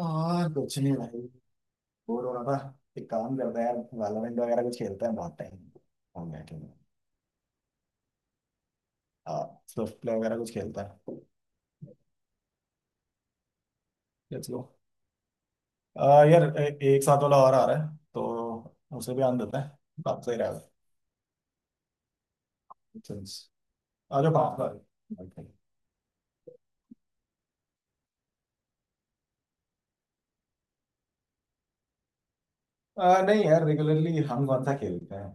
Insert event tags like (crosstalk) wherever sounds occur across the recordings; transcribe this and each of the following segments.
हाँ कुछ नहीं भाई, बोर हो रहा था। एक काम करते हैं यार, वैलोरेंट वगैरह कुछ खेलते हैं। बहुत टाइम हम बैठे हैं। हाँ स्विफ्ट प्ले वगैरह कुछ खेलते हैं। Let's go. यार, एक साथ वाला और आ रहा है, तो उसे भी आन देते हैं। बात सही रहेगा। Since- आ जाओ, बात कर। नहीं यार, रेगुलरली हम कौन सा खेलते हैं।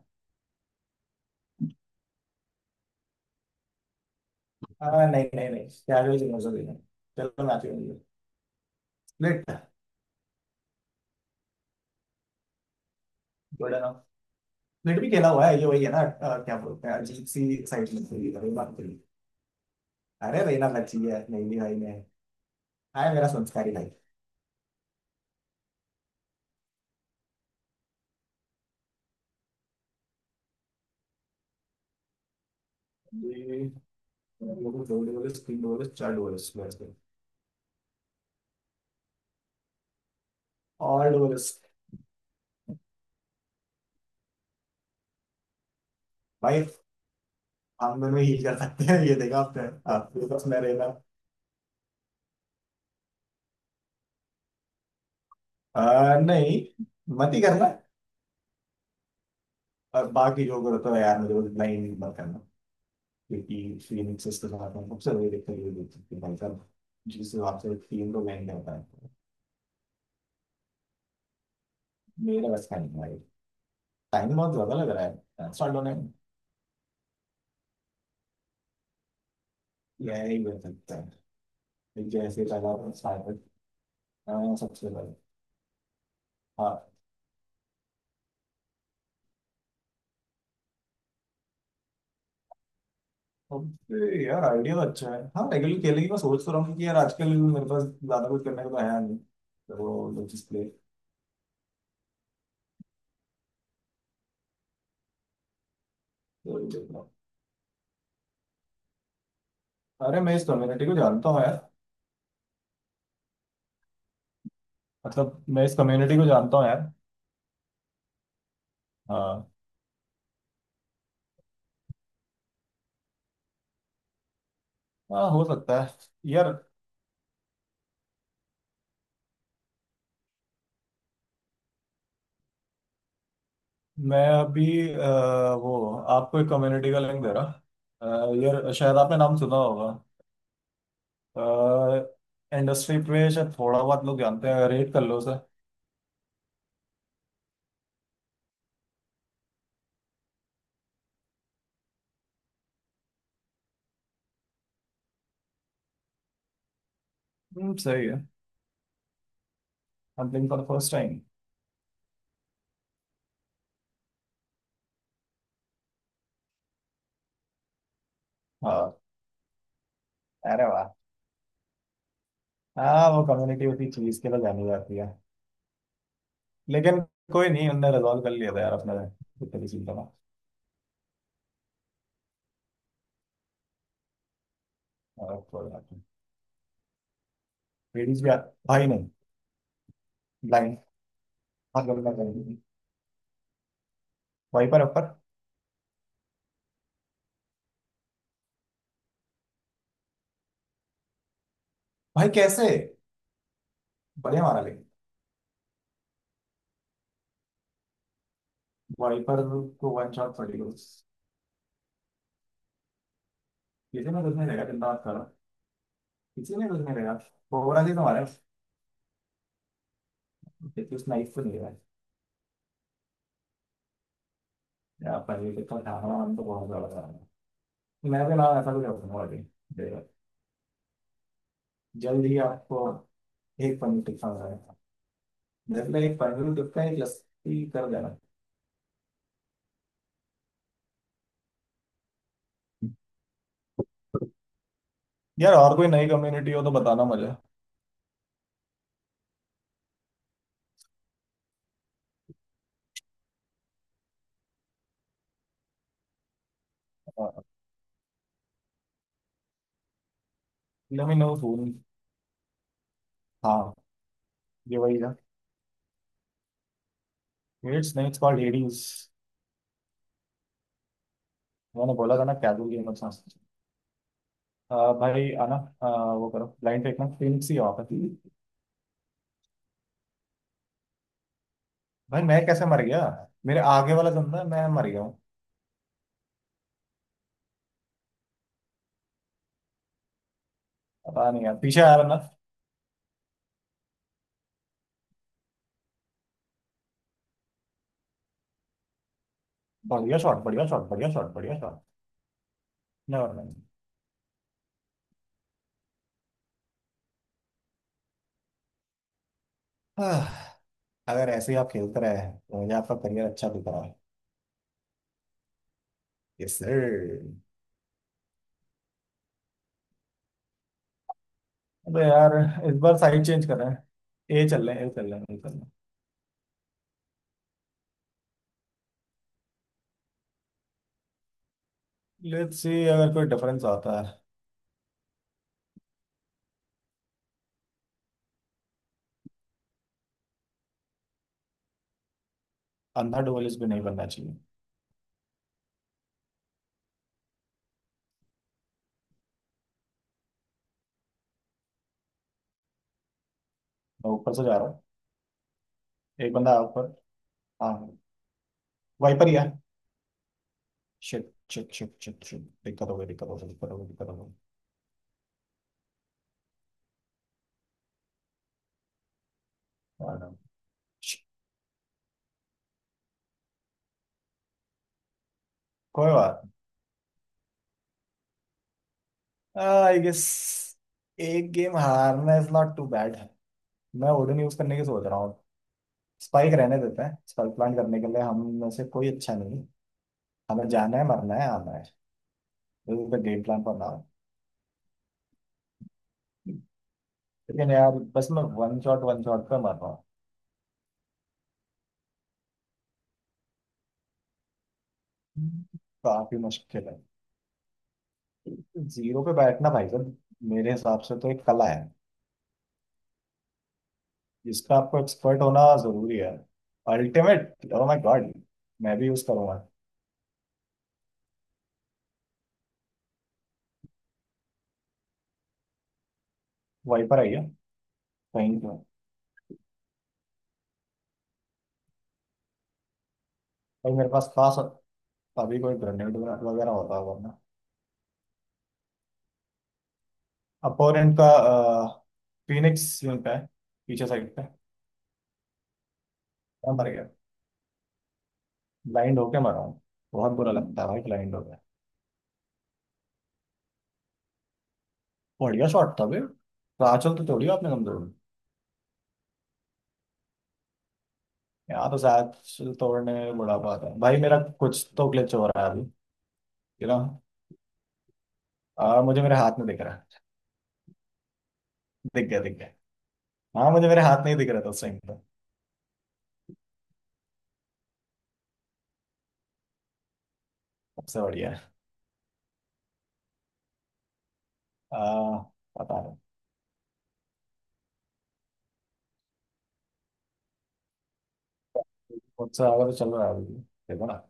नहीं नहीं नहीं, कैजुअल गेम्स होते हैं। चलो मैच खेलेंगे। स्प्लिट। Good enough. स्प्लिट भी खेला हुआ है, ये वही है ना। क्या बोलते हैं, अजीब सी एक्साइटमेंट होगी बात करी। अरे रहना का चाहिए, नहीं नहीं भाई ने। हाय मेरा संस्कारी भाई। ये लोगों दो डोलेस, तीन डोलेस, चार डोलेस। ऑल डोलेस। भाई हम दोनों ही कर सकते हैं ये, देखा आपने। आपके पास मैं रहना। नहीं, मत ही करना। और बाकी जो करता है यार मुझे, वो नहीं, मत करना। क्योंकि फीनिक्स के साथ हम सबसे वही देखते हुए देख सकते हैं भाई साहब। जिससे आपसे तीन को मैंने करता है तो मेरा बस का नहीं है भाई। टाइम बहुत ज्यादा लग रहा है स्टार्ट होने में। यही हो सकता है, जैसे पहला। हाँ, सबसे पहले। हाँ ओके यार, आइडिया तो अच्छा है। हाँ रेगुलर खेलेंगे, मैं सोच तो रहा हूँ कि यार आजकल मेरे पास ज्यादा कुछ करने को तो है नहीं, तो डिस्प्ले तो ये देख रहा हूँ। अरे मैं इस कम्युनिटी को जानता हूँ यार। मतलब मैं इस कम्युनिटी को जानता हूँ यार। हाँ हाँ हो सकता है यार। मैं अभी, वो आपको एक कम्युनिटी का लिंक दे रहा। यार शायद आपने नाम सुना होगा। इंडस्ट्री पे शायद थोड़ा बहुत लोग जानते हैं, रेट कर लो सर। सही है। I for first time. अरे वाह। हाँ वो कम्युनिटी उसी चीज के लिए जानी जाती है। लेकिन कोई नहीं, उनने रिजॉल्व कर लिया था यार अपने। इतनी चिंता ना। और कोई बात नहीं। लेडीज भी भाई नहीं। ब्लाइंड। हाँ गलना करेंगे। वाइपर अपर। भाई कैसे। बढ़िया मारा लेकिन। वाइपर को वन शॉट पड़ी हो। किसी ने कुछ नहीं लगा, चिंता मत करो। किसी ने कुछ नहीं लगा। कोबरा जी तो मारा, लेकिन उस नाइफ को नहीं लगा। यार पहले तो ढाहना हम तो बहुत ज्यादा था। मैं भी ना ऐसा कुछ रखूंगा अभी। देखो, जल्द ही आपको एक पनीर टिक्का मिला। मतलब एक फाइनल गिफ्ट है, एक लस्सी कर देना। यार और कोई नई कम्युनिटी हो तो बताना मुझे। Let me know soon. हाँ, ये वही है। It's name it's called Hades. मैंने बोला था ना कैजुअल गेम, अच्छा। भाई आना। वो करो, ब्लाइंड फेंकना, पिंक सी ऑफ है। भाई मैं कैसे मर गया। मेरे आगे वाला बंदा, मैं मर गया हूँ। पता नहीं यार, पीछे आया बंदा। बढ़िया शॉट, बढ़िया शॉट, बढ़िया शॉट, बढ़िया शॉट। Never mind. आह, (sighs) अगर ऐसे ही आप खेलते रहे तो मुझे आपका करियर अच्छा दिख रहा है। Yes sir. अबे यार, इस बार साइड चेंज कर रहे हैं, ए चल रहे हैं, ए चल रहे हैं, ए चल रहे हैं। लेट्स सी अगर कोई डिफरेंस आता है। अंधा डुअलिस्ट भी नहीं बनना चाहिए। मैं ऊपर से जा रहा हूँ। एक बंदा है ऊपर। हाँ वाइपर ही है। Shit shit shit shit shit, दिक्कत हो गई, दिक्कत हो गई, दिक्कत हो गई, दिक्कत हो गई। और, shit, कोई बात। आई गेस एक गेम हारना इज नॉट टू बैड। मैं ओडन यूज करने की सोच रहा हूँ। स्पाइक रहने देते हैं, स्पाइक प्लान करने के लिए हम में से कोई अच्छा नहीं है। हमें जाना है, मरना है, आना है गेम प्लान पर। लेकिन यार बस मैं वन शॉट पे मर रहा हूँ। काफी मुश्किल है जीरो पे बैठना भाई साहब, मेरे हिसाब से तो एक कला है, जिसका आपको एक्सपर्ट होना जरूरी है। अल्टीमेट, ओह माय गॉड, मैं भी यूज करूंगा। वहीं पर आइए, कहीं पे। भाई मेरे पास खास अभी कोई ग्रेनेड वगैरह होता होगा ना, अपोनेंट का। फिनिक्स यूनिट है पीछे साइड पे। मैं मर गया, ब्लाइंड होके मरा हूँ। बहुत बुरा लगता है भाई ब्लाइंड होके। बढ़िया शॉट था भाई, तो आंचल तो तोड़ी आपने कमजोर। यहाँ तो सांस तोड़ने में बड़ा बात है भाई, मेरा कुछ तो ग्लिच हो रहा है अभी यू नो मुझे मेरे हाथ में दिख रहा है। दिख गया, दिख गया। हाँ मुझे मेरे हाथ नहीं दिख रहा था उस टाइम पे। सबसे बढ़िया है। आ, पता नहीं। मुझसे आगे तो चल रहा है अभी भी। देखो ना।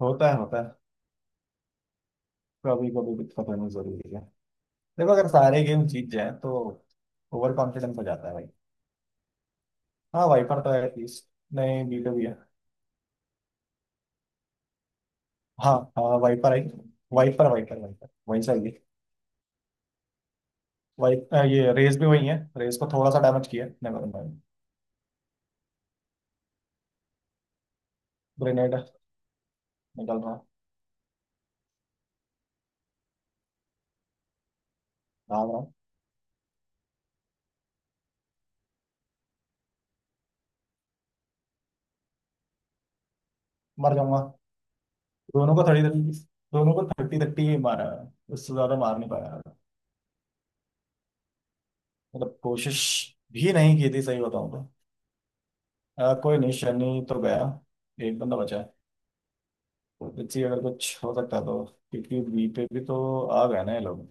होता है, होता है। कभी कभी दिक्कत होनी जरूरी है। देखो अगर सारे गेम जीत जाए तो ओवर कॉन्फिडेंस हो जाता है भाई। हाँ वाइपर तो है एटलीस्ट। नहीं, बीटो भी है। हाँ हाँ वाइपर आई। वाइपर, वाइपर, वाइपर वही चाहिए। वाइप, ये रेस भी वही है, रेस को थोड़ा सा डैमेज किया है। ग्रेनेड निकल रहा, भाग रहा, मर जाऊंगा। दोनों को 30 30। दोनों को थर्टी थर्टी ही मारा है। उससे ज्यादा मार नहीं पाया। मतलब कोशिश भी नहीं की थी सही बताऊं तो। कोई नहीं, शनि तो गया। एक बंदा बचा है, इसी अगर कुछ हो सकता है तो, क्योंकि बी पे भी तो आ गए ना ये लोग।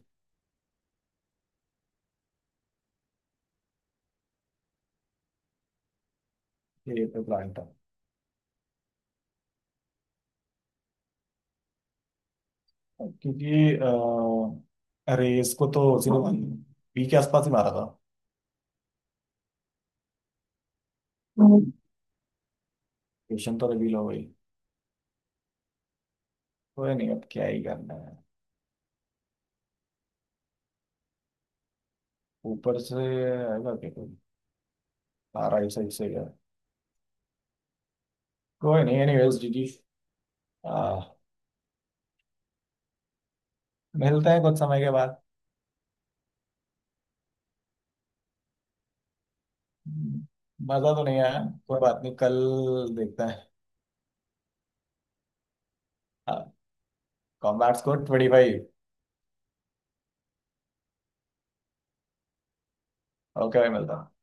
ए पे प्लांट। क्योंकि रेस को तो उसी ने बी के आसपास ही मारा था, लोकेशन तो रिवील हो गई। कोई नहीं, अब क्या ही करना है। ऊपर से आएगा क्या कोई। 12 सही सही है। कोई नहीं, एनीवेज जीजी। आ, मिलते हैं कुछ समय के बाद। मजा तो नहीं आया, कोई बात नहीं, कल देखते हैं। Combat score 25। ओके भाई, मिलता है।